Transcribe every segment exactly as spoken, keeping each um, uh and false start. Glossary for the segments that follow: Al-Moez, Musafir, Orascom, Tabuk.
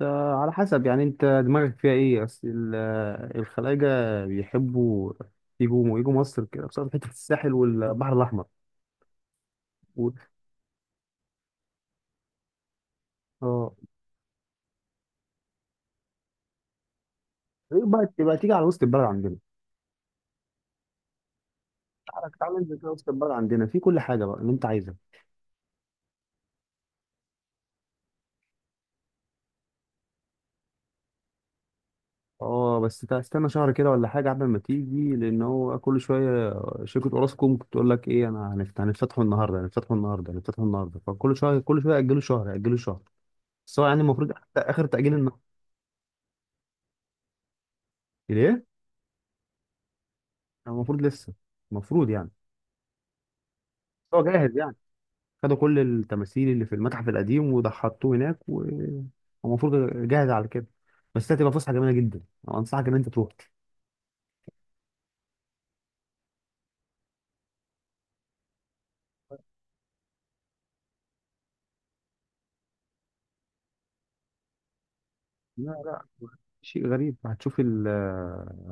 آه، على حسب يعني انت دماغك فيها ايه اصل ال- آه، الخلايجة بيحبوا يجوا يجوا مصر كده بسبب حتة الساحل والبحر الأحمر. و- اه إيه بقى تبقى تيجي على وسط البلد عندنا. تعالى تعالى انزل كده وسط البلد عندنا في كل حاجة بقى اللي انت عايزها. اه بس تا- استنى شهر كده ولا حاجة قبل ما تيجي، لأن هو كل شوية شركة اوراسكوم بتقول لك ايه؟ انا هنفت- هنفتحوا النهاردة، هنفتحوا النهاردة، هنفتحوا النهاردة، فكل شوية كل شوية يأجلوا شهر يأجلوا شهر. بس هو يعني المفروض آخر تأجيل النهاردة. ليه؟ المفروض لسه، المفروض يعني هو جاهز يعني. خدوا كل التماثيل اللي في المتحف القديم وده حطوه هناك، ومفروض جاهز على كده. بس هتبقى فسحه جميله جدا، أنا انصحك ان انت تروح. لا لا، شيء غريب. هتشوف ال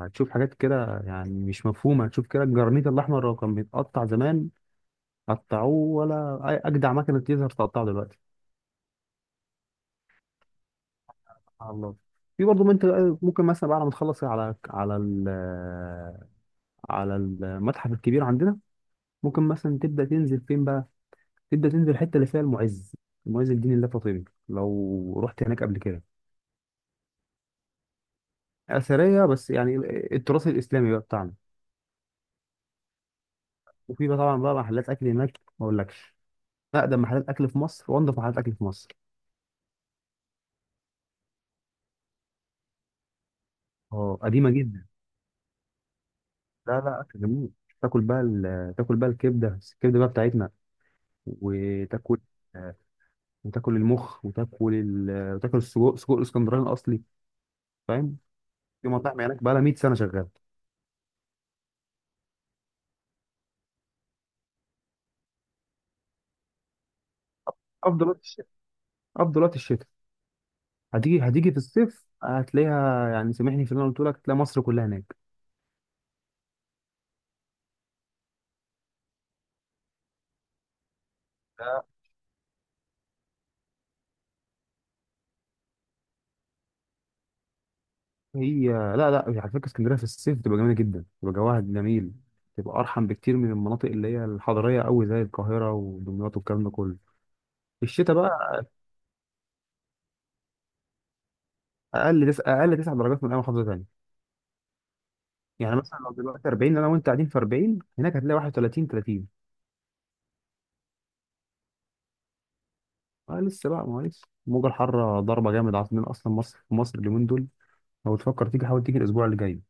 هتشوف حاجات كده يعني مش مفهومه، هتشوف كده الجرانيت الاحمر لو كان بيتقطع زمان قطعوه ولا أي اجدع مكنه تيزر تقطعه دلوقتي. سبحان الله. في برضه من- انت ممكن مثلا بعد ما تخلص على على ال- على المتحف الكبير عندنا، ممكن مثلا تبدا تنزل فين بقى؟ تبدا تنزل الحته اللي فيها المعز، المعز الدين الله فاطمي. لو رحت هناك قبل كده؟ اثريه بس يعني، التراث الاسلامي بقى بتاعنا. وفي بقى طبعا بقى محلات اكل هناك ما اقولكش، اقدم محلات اكل في مصر وانضف محلات اكل في مصر. اه قديمه جدا، لا لا اكل جميل. تاكل بقى ال- تاكل بقى الكبده، الكبده بقى بتاعتنا، وتاكل، آه، وتاكل المخ، وتاكل ال... وتاكل السجق، سجق الاسكندراني الاصلي، فاهم؟ في مطاعم هناك بقى لها ميه سنه شغاله. افضل وقت الشتاء، افضل وقت الشتاء. هتيجي، هتيجي في الصيف هتلاقيها يعني، سامحني في اللي انا قلت لك، هتلاقي مصر كلها هناك. لا، هي لا لا على فكره اسكندريه في الصيف بتبقى جميله جدا، بتبقى جواها جميل، بتبقى ارحم بكتير من المناطق اللي هي الحضريه قوي زي القاهره ودمياط والكلام ده كله. الشتاء بقى اقل تس... اقل تسع درجات من اي محافظه ثانيه. يعني مثلا لو دلوقتي اربعين، انا وانت قاعدين في اربعين، هناك هتلاقي واحد وتلاتين، تلاتين. اه لسه بقى، ما هو لسه الموجه الحاره ضربه جامد عاصمين اصلا مصر، في مصر اليومين دول. لو تفكر تيجي حاول تيجي الاسبوع اللي جاي.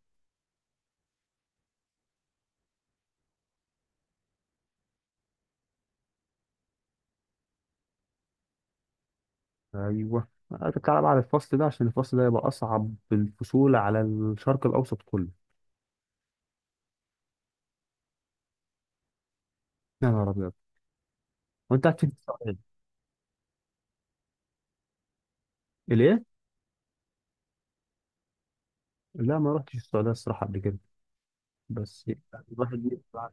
ايوه هتطلع بقى على الفصل ده، عشان الفصل ده يبقى اصعب الفصول على الشرق الاوسط كله. يا نهار ابيض. وانت قاعد فين في السعوديه؟ ليه؟ لا ما رحتش السعوديه الصراحه قبل كده، بس يعني الواحد يطلع.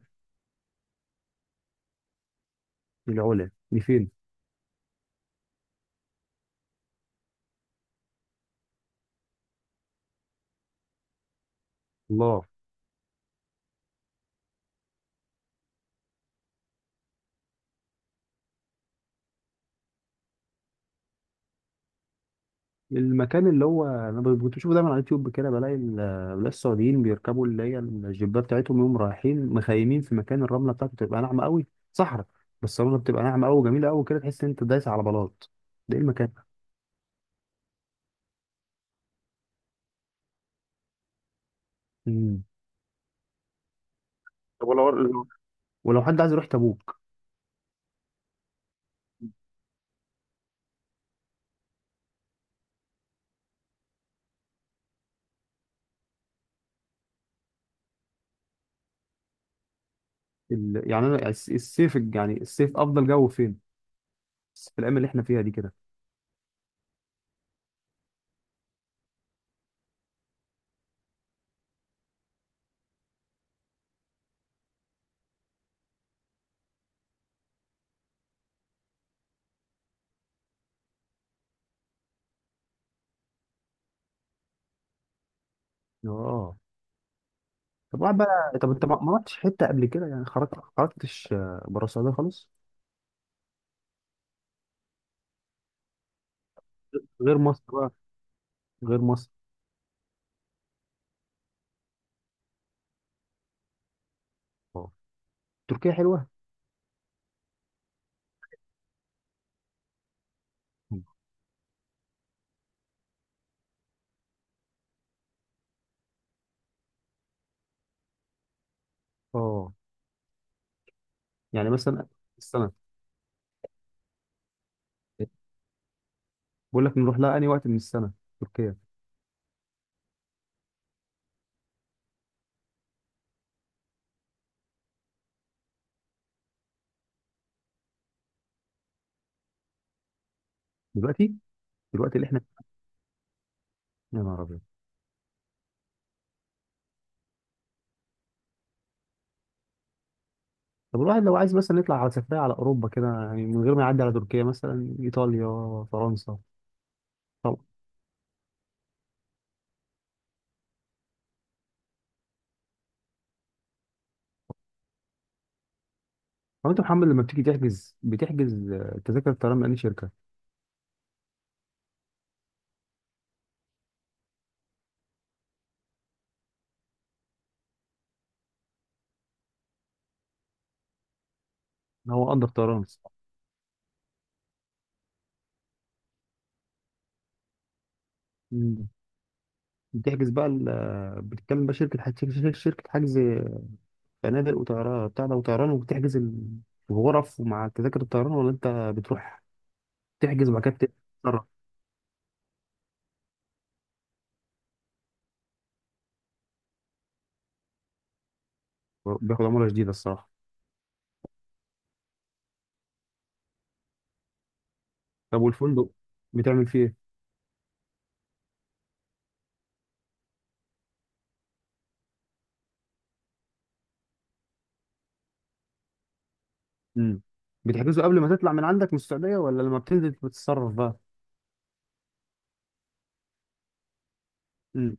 العلا دي فين؟ الله. المكان اللي هو انا ب- كنت بشوفه دايما على اليوتيوب كده، بلاقي ال- بلاقي السعوديين بيركبوا اللي هي الجيبات بتاعتهم، يوم رايحين مخيمين في مكان الرمله بتاعته بتبقى ناعمه قوي، صحراء، بس الرمله بتبقى ناعمه قوي وجميله قوي كده، تحس ان انت دايس على بلاط. ده ايه المكان ده؟ مم. طب ولو، ولو حد عايز يروح تبوك. ال... يعني انا الس- الصيف يعني، الصيف افضل جو فين في الايام اللي احنا فيها دي كده؟ اه. طب واحد بقى، طب انت ما ما رحتش حته قبل كده يعني، خرجت خرجتش آه، بره السعوديه خالص؟ غير مصر بقى، غير مصر. اه تركيا حلوه. مم. اه يعني مثلا السنه، بقول لك نروح لها انهي وقت من السنه، تركيا؟ دلوقتي، دلوقتي اللي احنا، يا نهار ابيض. طب الواحد لو عايز مثلا يطلع على سفريه على اوروبا كده، يعني من غير ما يعدي على تركيا، مثلا ايطاليا، فرنسا. هو انت محمد لما بتيجي تحجز، بتحجز آه، تذاكر الطيران من اي شركه؟ هو قدر طيران. مم. بتحجز بقى ال- آه، بتتكلم بقى شركه حج- شركه شركة حجز فنادق وطيران بتاع ده وطيران، وبتحجز ال- الغرف ومع تذاكر الطيران، ولا انت بتروح تحجز وبعد كده تتصرف؟ بياخد عموله جديده الصراحه. طب والفندق بتعمل فيه ايه؟ مم. بتحجزه قبل ما تطلع من عندك من السعوديه، ولا لما بتنزل بتتصرف بقى؟ مم.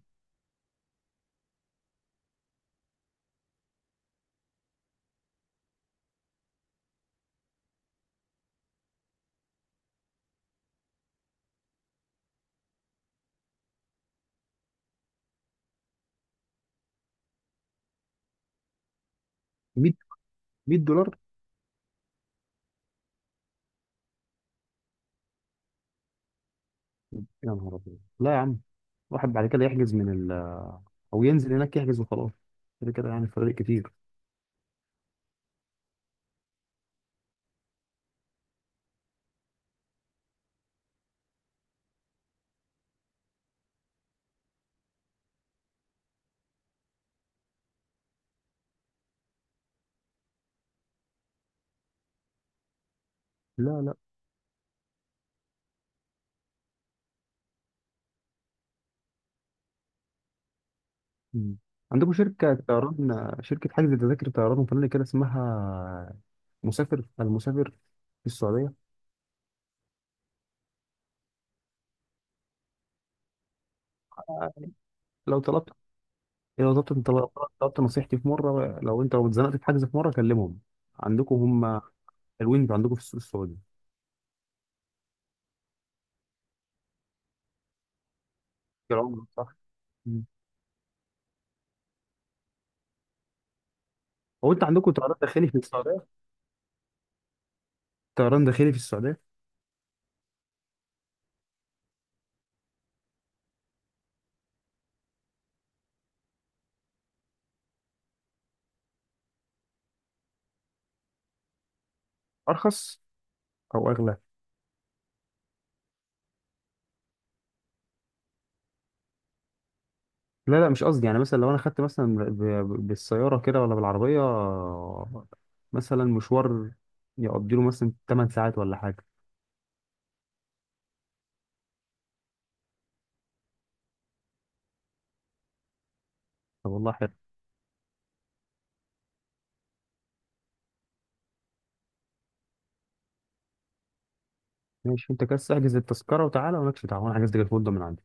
ميه، ميه دولار؟ يا نهار ابيض، لا يا عم، واحد بعد كده يحجز من، او ينزل هناك يحجز وخلاص، كده كده يعني فرق كتير. لا لا. مم. عندكم شركة طيران، شركة حجز تذاكر طيران وفنادق كده اسمها مسافر، المسافر، في السعودية. لو طلبت، لو طلبت انت، لو طلبت نصيحتي في مرة لو انت لو اتزنقت في حجز في مرة كلمهم، عندكم هم حلوين عندكم في السوق السعودي. يا عمر، صح. مم. هو انت عندكم طيران داخلي في السعودية؟ طيران داخلي في السعودية. ارخص او اغلى؟ لا لا مش قصدي، يعني مثلا لو انا خدت مثلا ب- ب- بالسياره كده ولا بالعربيه، مثلا مشوار يقضي له مثلا تمن ساعات ولا حاجه. طب والله حلو. ماشي، انت كده احجز التذكره وتعالى، ومالكش دعوه، انا حجزت لك الفندق من عندي.